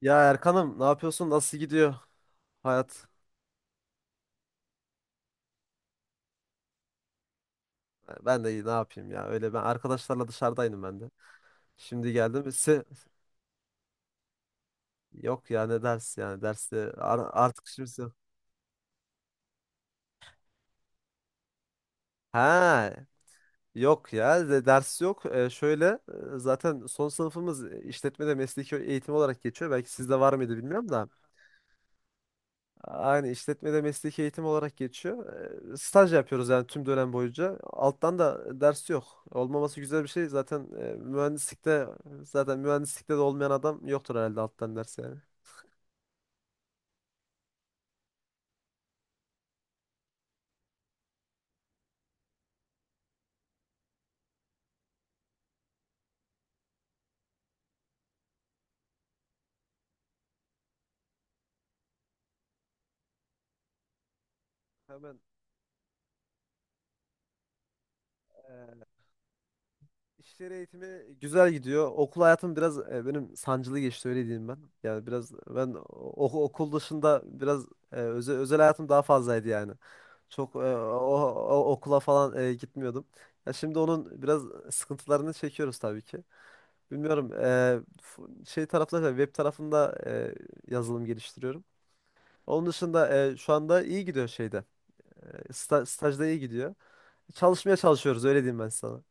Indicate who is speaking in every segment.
Speaker 1: Ya Erkan'ım, ne yapıyorsun? Nasıl gidiyor hayat? Ben de iyi, ne yapayım ya. Öyle, ben arkadaşlarla dışarıdaydım ben de. Şimdi geldim. Yok ya, ne ders yani derste artık şimdi. Ha, yok ya ders yok. Şöyle, zaten son sınıfımız işletmede mesleki eğitim olarak geçiyor. Belki sizde var mıydı, bilmiyorum da. Aynı, işletmede mesleki eğitim olarak geçiyor. Staj yapıyoruz yani, tüm dönem boyunca. Alttan da ders yok. Olmaması güzel bir şey. Zaten mühendislikte de olmayan adam yoktur herhalde alttan ders yani. Hemen eee iş yeri eğitimi güzel gidiyor. Okul hayatım biraz benim sancılı geçti, öyle diyeyim ben. Yani biraz ben okul dışında biraz özel hayatım daha fazlaydı yani. Çok okula falan gitmiyordum. Ya, şimdi onun biraz sıkıntılarını çekiyoruz tabii ki. Bilmiyorum, şey tarafında, web tarafında, yazılım geliştiriyorum. Onun dışında şu anda iyi gidiyor şeyde. Stajda iyi gidiyor. Çalışmaya çalışıyoruz, öyle diyeyim ben sana.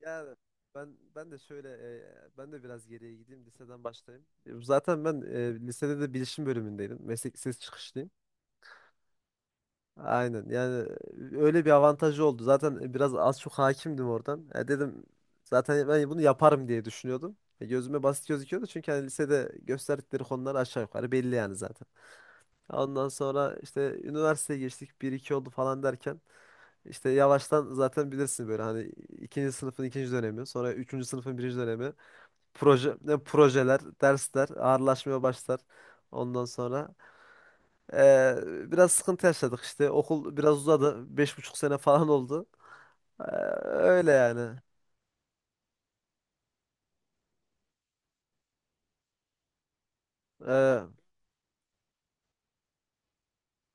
Speaker 1: Yani, ben de şöyle, ben de biraz geriye gideyim, liseden başlayayım. Zaten ben lisede de bilişim bölümündeydim. Meslek lisesi çıkışlıyım. Aynen yani, öyle bir avantajı oldu. Zaten biraz az çok hakimdim oradan. Ya dedim, zaten ben bunu yaparım diye düşünüyordum. Gözüme basit gözüküyordu çünkü hani lisede gösterdikleri konular aşağı yukarı belli yani zaten. Ondan sonra işte üniversiteye geçtik, bir iki oldu falan derken işte yavaştan, zaten bilirsin böyle hani, ikinci sınıfın ikinci dönemi, sonra üçüncü sınıfın birinci dönemi, proje, ne projeler, dersler ağırlaşmaya başlar. Ondan sonra ee, biraz sıkıntı yaşadık işte. Okul biraz uzadı. 5,5 sene falan oldu. Ee, Öyle yani. Ee,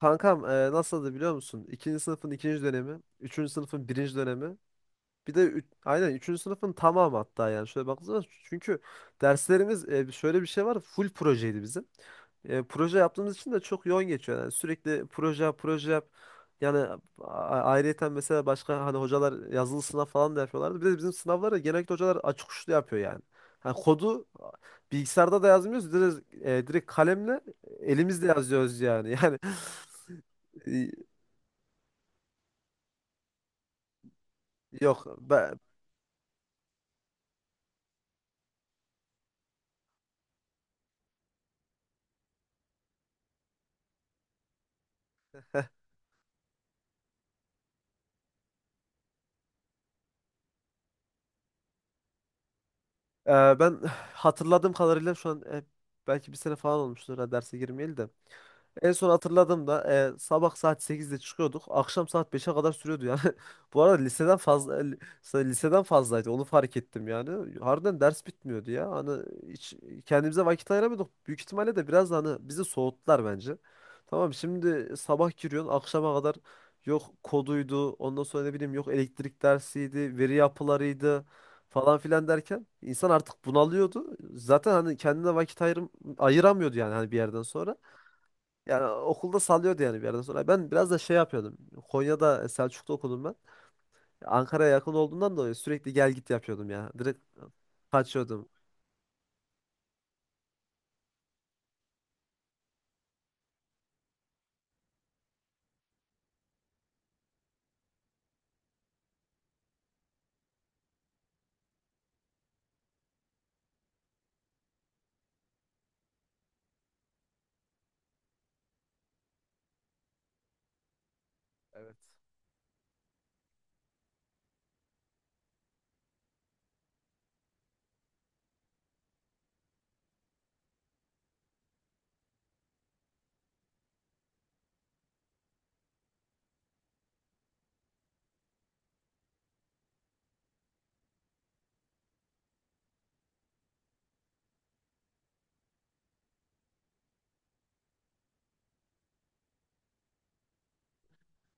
Speaker 1: Kankam, nasıldı biliyor musun? İkinci sınıfın ikinci dönemi. Üçüncü sınıfın birinci dönemi. Bir de aynen üçüncü sınıfın tamamı hatta. Yani şöyle baktığınız zaman, çünkü derslerimiz, şöyle bir şey var, full projeydi bizim. Proje yaptığımız için de çok yoğun geçiyor. Yani sürekli proje yap, proje yap. Yani ayrıyeten mesela başka hani hocalar yazılı sınav falan da yapıyorlardı. Bir de bizim sınavları genellikle hocalar açık uçlu yapıyor yani. Hani kodu bilgisayarda da yazmıyoruz. Direkt kalemle, elimizle yazıyoruz yani. Yani yok. Ee, Ben hatırladığım kadarıyla şu an belki bir sene falan olmuştur ha derse girmeyeli de. En son hatırladığımda sabah saat 8'de çıkıyorduk. Akşam saat 5'e kadar sürüyordu yani. Bu arada liseden fazlaydı. Onu fark ettim yani. Harbiden ders bitmiyordu ya. Hani hiç kendimize vakit ayıramıyorduk. Büyük ihtimalle de biraz da hani bizi soğuttular bence. Tamam, şimdi sabah giriyorsun akşama kadar, yok koduydu, ondan sonra ne bileyim, yok elektrik dersiydi, veri yapılarıydı falan filan derken insan artık bunalıyordu. Zaten hani kendine vakit ayıramıyordu yani, hani bir yerden sonra. Yani okulda sallıyordu yani bir yerden sonra. Ben biraz da şey yapıyordum. Konya'da, Selçuk'ta okudum ben. Ankara'ya yakın olduğundan dolayı sürekli gel git yapıyordum ya. Direkt kaçıyordum. Evet.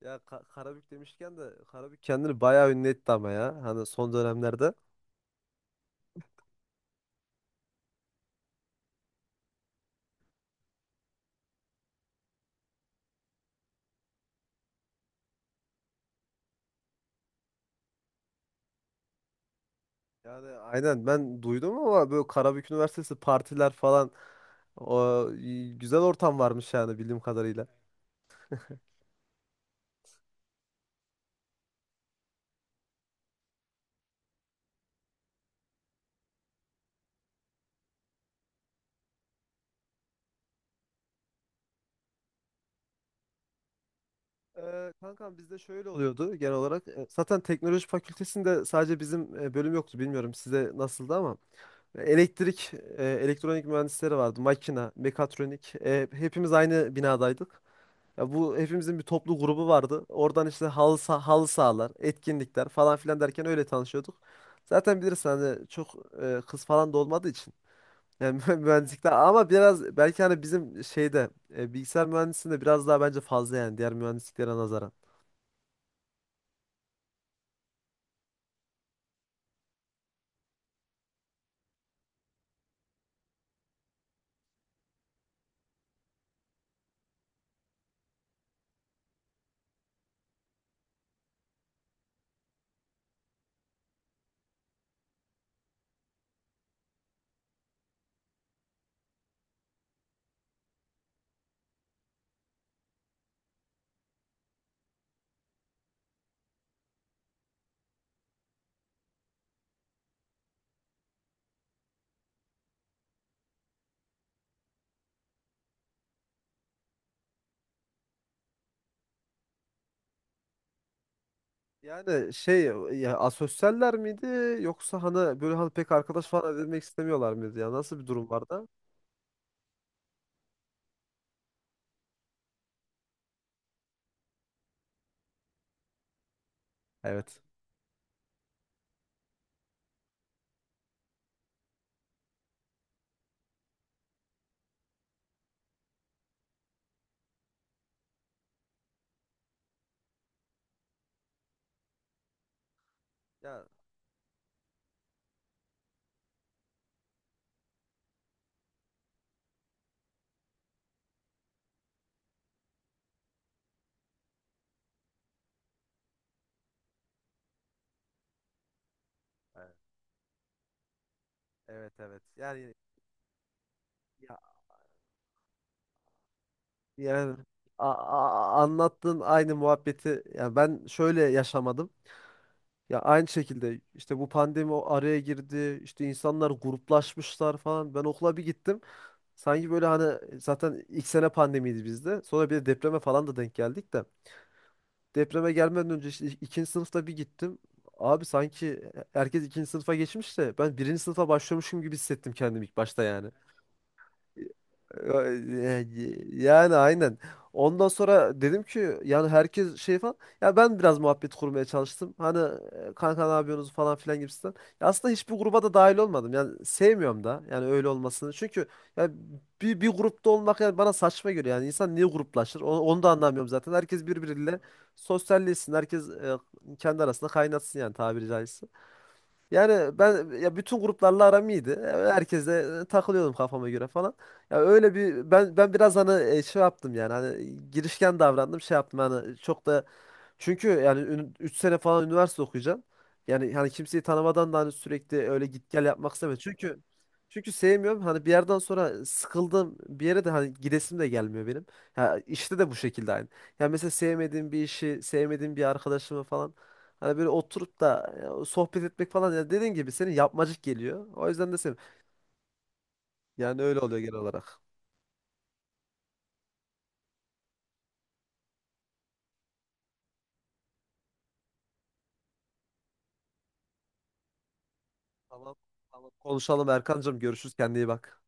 Speaker 1: Ya Karabük demişken de, Karabük kendini bayağı ünlü etti ama ya. Hani son dönemlerde. Yani aynen, ben duydum ama, böyle Karabük Üniversitesi partiler falan, güzel ortam varmış yani bildiğim kadarıyla. Kankam, bizde şöyle oluyordu genel olarak. Zaten teknoloji fakültesinde sadece bizim bölüm yoktu. Bilmiyorum size nasıldı ama elektrik, elektronik mühendisleri vardı. Makina, mekatronik. Hepimiz aynı binadaydık. Ya bu, hepimizin bir toplu grubu vardı. Oradan işte halı sahalar, etkinlikler falan filan derken öyle tanışıyorduk. Zaten bilirsin hani, çok kız falan da olmadığı için. Yani mühendislikte, ama biraz belki hani bizim şeyde, bilgisayar mühendisliğinde biraz daha bence fazla yani, diğer mühendisliklere nazaran. Yani şey, ya asosyaller miydi, yoksa hani böyle hani pek arkadaş falan edinmek istemiyorlar mıydı ya? Nasıl bir durum vardı? Evet. Ya e, evet, evet. Yani ya, yani anlattığın aynı muhabbeti ya, ben şöyle yaşamadım. Ya aynı şekilde işte, bu pandemi o araya girdi. İşte insanlar gruplaşmışlar falan. Ben okula bir gittim. Sanki böyle hani, zaten ilk sene pandemiydi bizde. Sonra bir de depreme falan da denk geldik de. Depreme gelmeden önce işte ikinci sınıfta bir gittim. Abi sanki herkes ikinci sınıfa geçmiş de ben birinci sınıfa başlıyormuşum gibi hissettim kendimi ilk başta yani. Yani aynen. Ondan sonra dedim ki yani, herkes şey falan. Ya ben biraz muhabbet kurmaya çalıştım. Hani, kanka ne yapıyorsunuz falan filan gibisinden. Ya aslında hiçbir gruba da dahil olmadım. Yani sevmiyorum da yani öyle olmasını. Çünkü ya, bir grupta olmak yani, bana saçma geliyor. Yani insan niye gruplaşır? Onu da anlamıyorum zaten. Herkes birbiriyle sosyalleşsin. Herkes kendi arasında kaynatsın yani, tabiri caizse. Yani ben ya, bütün gruplarla aram iyiydi. Herkesle takılıyordum kafama göre falan. Ya öyle bir, ben biraz hani şey yaptım yani, hani girişken davrandım, şey yaptım hani, çok da, çünkü yani 3 sene falan üniversite okuyacaksın. Yani hani kimseyi tanımadan da hani sürekli öyle git gel yapmak istemiyorum. Çünkü sevmiyorum. Hani bir yerden sonra sıkıldım, bir yere de hani gidesim de gelmiyor benim. Ha, işte de bu şekilde aynı. Yani mesela sevmediğim bir işi, sevmediğim bir arkadaşımı falan hani böyle oturup da ya, sohbet etmek falan, ya dediğin gibi, senin yapmacık geliyor. O yüzden de sevmiyorum. Yani öyle oluyor genel olarak. Tamam, tamam. Konuşalım Erkancığım. Görüşürüz. Kendine iyi bak.